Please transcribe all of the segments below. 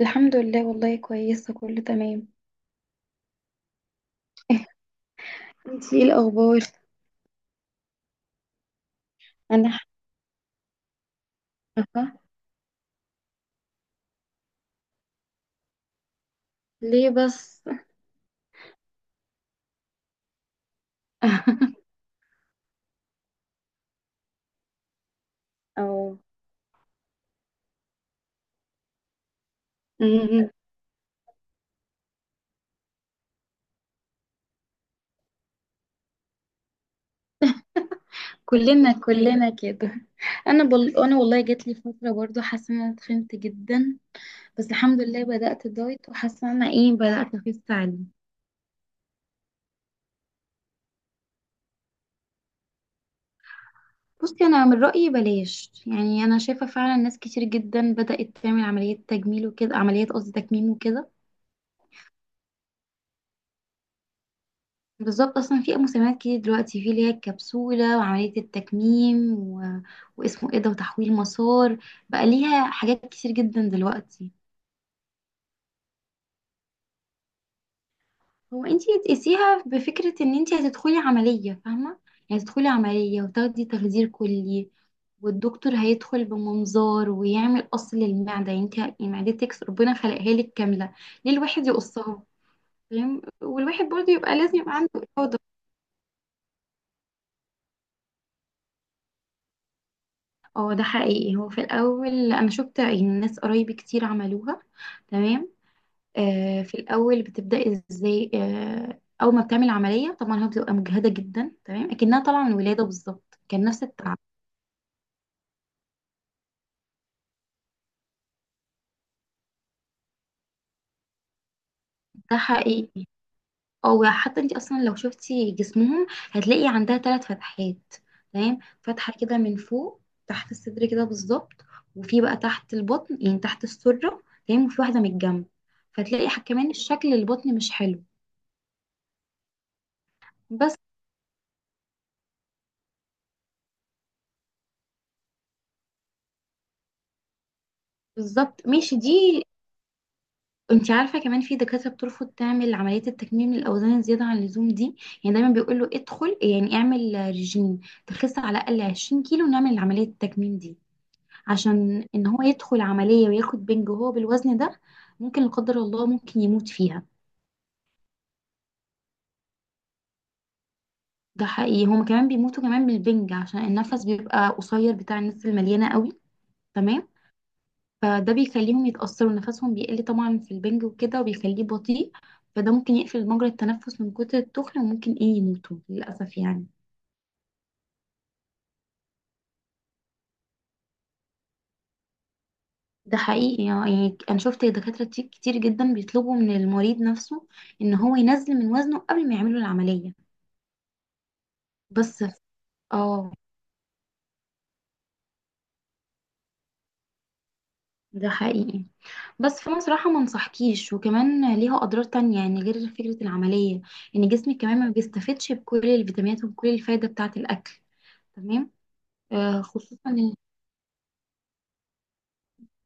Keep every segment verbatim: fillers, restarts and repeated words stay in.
الحمد لله، والله كويسة كله تمام. انتي ايه الأخبار؟ أنا حابة. ليه بس. أو. أمم، كلنا كلنا كده. أنا بل... أنا والله جات لي فترة برضو حاسة إن أنا اتخنت جدا. بس الحمد لله بدأت الدايت وحاسة إن أنا إيه بدأت أخس عليه. بصي، أنا من رأيي بلاش يعني، أنا شايفة فعلا ناس كتير جدا بدأت تعمل عمليات تجميل وكده، عمليات قصدي تكميم وكده. بالظبط، اصلا في مسميات كتير دلوقتي، في اللي هي الكبسوله وعمليه التكميم و... واسمه ايه ده، وتحويل مسار. بقى ليها حاجات كتير جدا دلوقتي. هو انتي تقيسيها بفكره ان انتي هتدخلي عمليه، فاهمه؟ يعني تدخلي عمليه وتاخدي تخدير كلي، والدكتور هيدخل بمنظار ويعمل قص للمعده. يعني انتي معدتك ربنا خلقها لك كامله، ليه الواحد يقصها؟ فاهم. والواحد برضه يبقى لازم يبقى عنده. اه، ده حقيقي، هو في الاول انا شفت يعني ناس قرايبي كتير عملوها. تمام. آه في الاول بتبدأ ازاي؟ آه اول ما بتعمل عملية طبعا هي بتبقى مجهدة جدا، تمام، اكنها طالعة من الولادة بالظبط، كان نفس التعب. ده حقيقي. او حتى انت اصلا لو شفتي جسمهم هتلاقي عندها ثلاث فتحات. تمام، فتحة كده من فوق تحت الصدر كده بالظبط. وفي بقى تحت البطن يعني تحت السرة. تمام، وفي واحدة من الجنب. فتلاقي ح- كمان شكل البطن مش حلو. بس. بالظبط، ماشي دي. انت عارفه، كمان في دكاتره بترفض تعمل عمليه التكميم للاوزان الزياده عن اللزوم دي. يعني دايما بيقول له ادخل يعني اعمل ريجيم، تخس على الاقل عشرين كيلو ونعمل عمليه التكميم دي. عشان ان هو يدخل عمليه وياخد بنج وهو بالوزن ده، ممكن لا قدر الله ممكن يموت فيها. ده حقيقي، هما كمان بيموتوا كمان بالبنج عشان النفس بيبقى قصير بتاع الناس المليانه قوي. تمام. فده بيخليهم يتأثروا، نفسهم بيقل طبعا في البنج وكده، وبيخليه بطيء. فده ممكن يقفل مجرى التنفس من كتر التخن، وممكن ايه يموتوا للأسف يعني. ده حقيقي، يعني أنا شفت دكاترة كتير كتير جدا بيطلبوا من المريض نفسه إن هو ينزل من وزنه قبل ما يعملوا العملية. بس ف- اه ده حقيقي. بس فانا صراحه ما انصحكيش، وكمان ليها اضرار تانية يعني، غير فكره العمليه، ان جسمك كمان ما بيستفدش بكل الفيتامينات وبكل الفايده بتاعه الاكل. تمام. آه، خصوصا.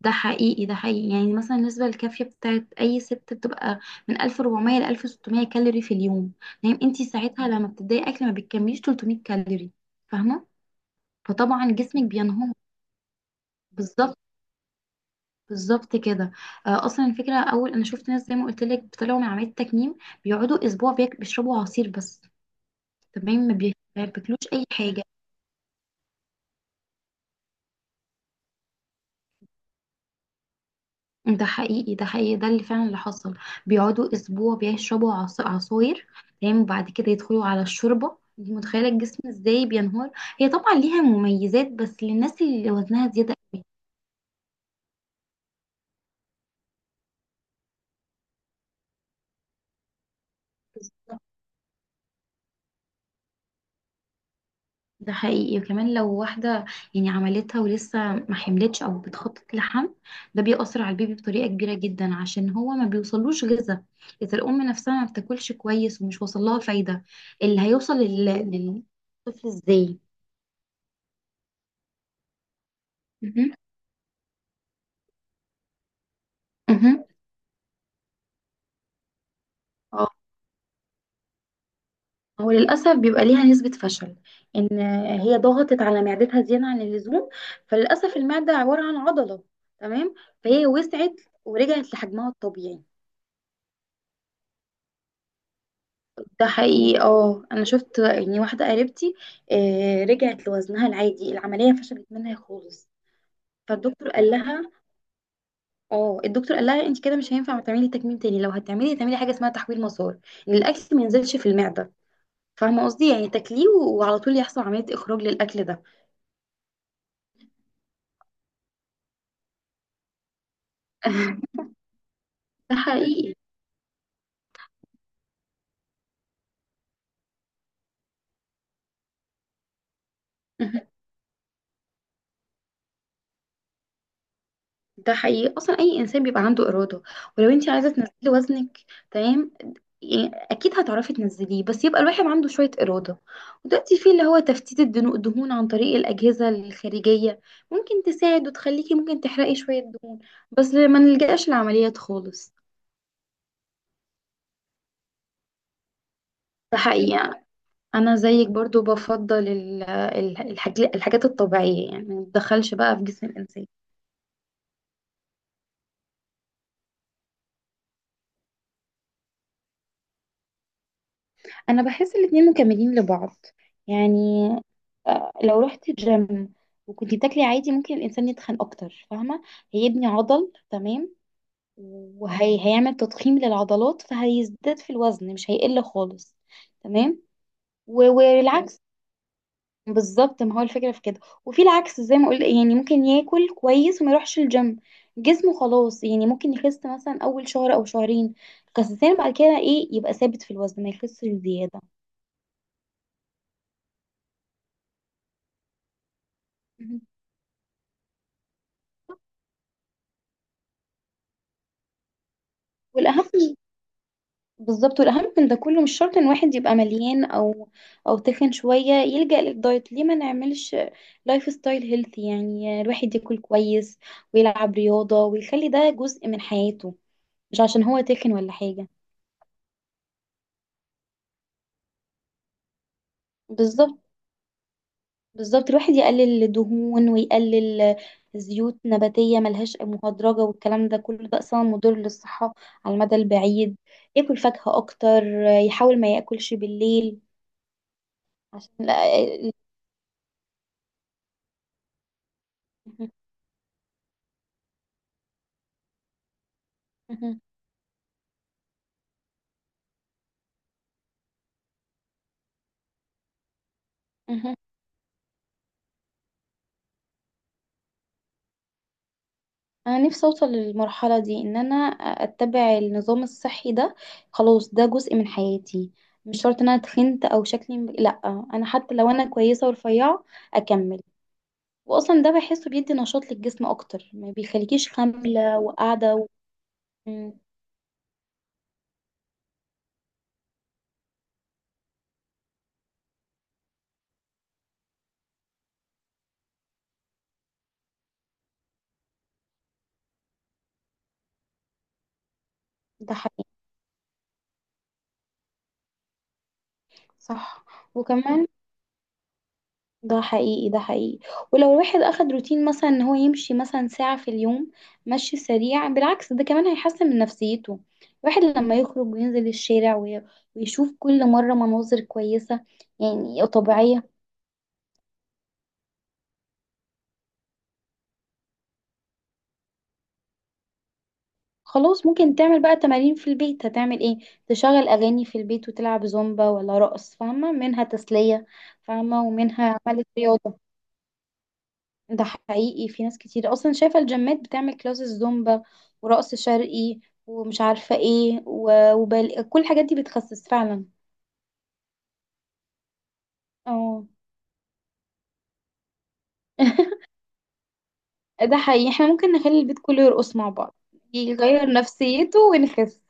ده حقيقي ده حقيقي، يعني مثلا النسبة الكافية بتاعت أي ست بتبقى من ألف وأربعمية ل ألف وستمائة كالوري في اليوم. يعني انتي ساعتها لما بتبدأي أكل ما بتكمليش تلتمية كالوري، فاهمة؟ فطبعا جسمك بينهار. بالظبط، بالظبط كده. آه، اصلا الفكره، اول انا شفت ناس زي ما قلت لك بيطلعوا من عمليه التكميم، بيقعدوا اسبوع بياك- بيشربوا عصير بس. تمام، ما بي- ما بياكلوش اي حاجه. ده حقيقي ده حقيقي، ده اللي فعلا اللي حصل. بيقعدوا اسبوع بيشربوا عص- عصاير. تمام، وبعد كده يدخلوا على الشوربه. انت متخيله الجسم ازاي بينهار؟ هي طبعا ليها مميزات بس للناس اللي وزنها زياده قوي. بالظبط. ده حقيقي، وكمان لو واحده يعني عملتها ولسه ما حملتش او بتخطط لحمل، ده بيأثر على البيبي بطريقه كبيره جدا عشان هو ما بيوصلوش غذاء. اذا الام نفسها ما بتاكلش كويس ومش واصل لها فايده، اللي هيوصل لل- للطفل ازاي؟ مهم. مهم. اه هو للأسف بيبقى ليها نسبة فشل، إن هي ضغطت على معدتها زيادة عن اللزوم. فللأسف المعدة عبارة عن عضلة، تمام، فهي وسعت ورجعت لحجمها الطبيعي. ده حقيقي. اه أنا شفت يعني واحدة قريبتي، آه، رجعت لوزنها العادي، العملية فشلت منها خالص. فالدكتور قال لها اه الدكتور قال لها انت كده مش هينفع تعملي تكميم تاني، لو هتعملي تعملي حاجة اسمها تحويل مسار، إن الأكل ما ينزلش في المعدة. فاهمة قصدي؟ يعني تاكليه وعلى طول يحصل عملية إخراج للأكل ده. ده حقيقي. مهم. ده حقيقي، اصلا اي انسان بيبقى عنده اراده. ولو انت عايزه تنزلي وزنك، تمام، يعني اكيد هتعرفي تنزليه، بس يبقى الواحد عنده شويه اراده. ودلوقتي في اللي هو تفتيت الدنو- الدهون عن طريق الاجهزه الخارجيه، ممكن تساعد وتخليكي ممكن تحرقي شويه دهون، بس ما نلجأش لعمليات خالص. ده حقيقي. انا زيك برضو بفضل ال- ال- الحاج- الحاجات الطبيعيه، يعني ما تدخلش بقى في جسم الانسان. انا بحس الاتنين مكملين لبعض، يعني آه، لو رحت جيم وكنت بتاكلي عادي ممكن الانسان يتخن اكتر، فاهمه؟ هيبني عضل، تمام، وهيعمل تضخيم للعضلات فهيزداد في الوزن، مش هيقل خالص. تمام. و- والعكس، بالظبط، ما هو الفكره في كده. وفي العكس زي ما قلت يعني، ممكن ياكل كويس وما يروحش الجيم، جسمه خلاص يعني ممكن يخس مثلا اول شهر او شهرين، خسسان، بعد كده ايه يبقى ثابت في الوزن، ما يخسش زياده. مهم. والاهم. بالظبط، والاهم من ده كله، مش شرط ان واحد يبقى مليان او او تخن شويه يلجأ للدايت. ليه ما نعملش لايف ستايل هيلثي؟ يعني الواحد ياكل كويس ويلعب رياضه ويخلي ده جزء من حياته، مش عشان هو تخن ولا حاجه. بالظبط، بالظبط. الواحد يقلل الدهون ويقلل زيوت نباتيه ملهاش مهدرجه والكلام ده كله، ده اصلا مضر للصحه على المدى البعيد. ياكل فاكهه اكتر، يحاول ما ياكلش بالليل عشان. لا. انا نفسي اوصل للمرحله دي، ان انا اتبع النظام الصحي ده، خلاص ده جزء من حياتي. مش شرط ان انا تخنت او شكلي لا، انا حتى لو انا كويسه ورفيعه اكمل. واصلا ده بحسه بيدي نشاط للجسم اكتر، ما بيخليكيش خامله وقاعده و... مم، ده حقيقي. صح. وكمان ده حقيقي ده حقيقي، ولو الواحد اخد روتين مثلا ان هو يمشي مثلا ساعة في اليوم مشي سريع، بالعكس ده كمان هيحسن من نفسيته. الواحد لما يخرج وينزل الشارع وي- ويشوف كل مرة مناظر كويسة، يعني طبيعية. خلاص ممكن تعمل بقى تمارين في البيت. هتعمل ايه؟ تشغل اغاني في البيت وتلعب زومبا ولا رقص، فاهمة؟ منها تسلية فاهمة، ومنها عملت رياضة. ده حقيقي، في ناس كتير اصلا شايفه الجيمات بتعمل كلاسز زومبا ورقص شرقي ومش عارفه ايه، و- وبال... كل الحاجات دي بتخسس فعلا. اه ده حقيقي، احنا ممكن نخلي البيت كله يرقص مع بعض، يغير نفسيته ونخس.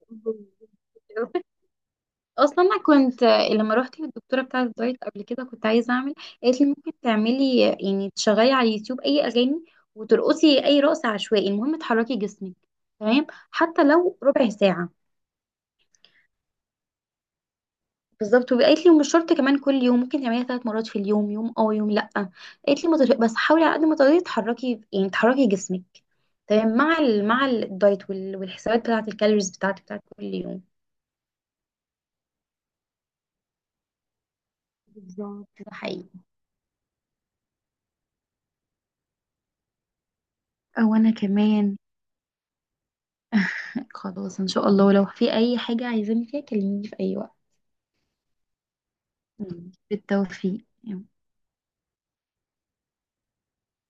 اصلا انا كنت لما روحت للدكتوره بتاعه الدايت قبل كده كنت عايزه اعمل، قالت لي ممكن تعملي يعني تشغلي على اليوتيوب اي اغاني وترقصي اي رقص عشوائي، المهم تحركي جسمك. تمام، حتى لو ربع ساعه. بالظبط. وقالت لي ومش شرط كمان كل يوم، ممكن تعمليها ثلاث مرات في اليوم، يوم اه يوم لا. قالت لي ما تغ- بس حاولي على قد ما تقدري تحركي، يعني تحركي جسمك. تمام، مع ال... مع الدايت وال... والحسابات بتاعه الكالوريز بتاعتك بتاعت كل يوم. بالظبط. ده حقيقي. او انا كمان. خلاص ان شاء الله لو في اي حاجه عايزاني فيها كلميني في اي وقت. مم. بالتوفيق.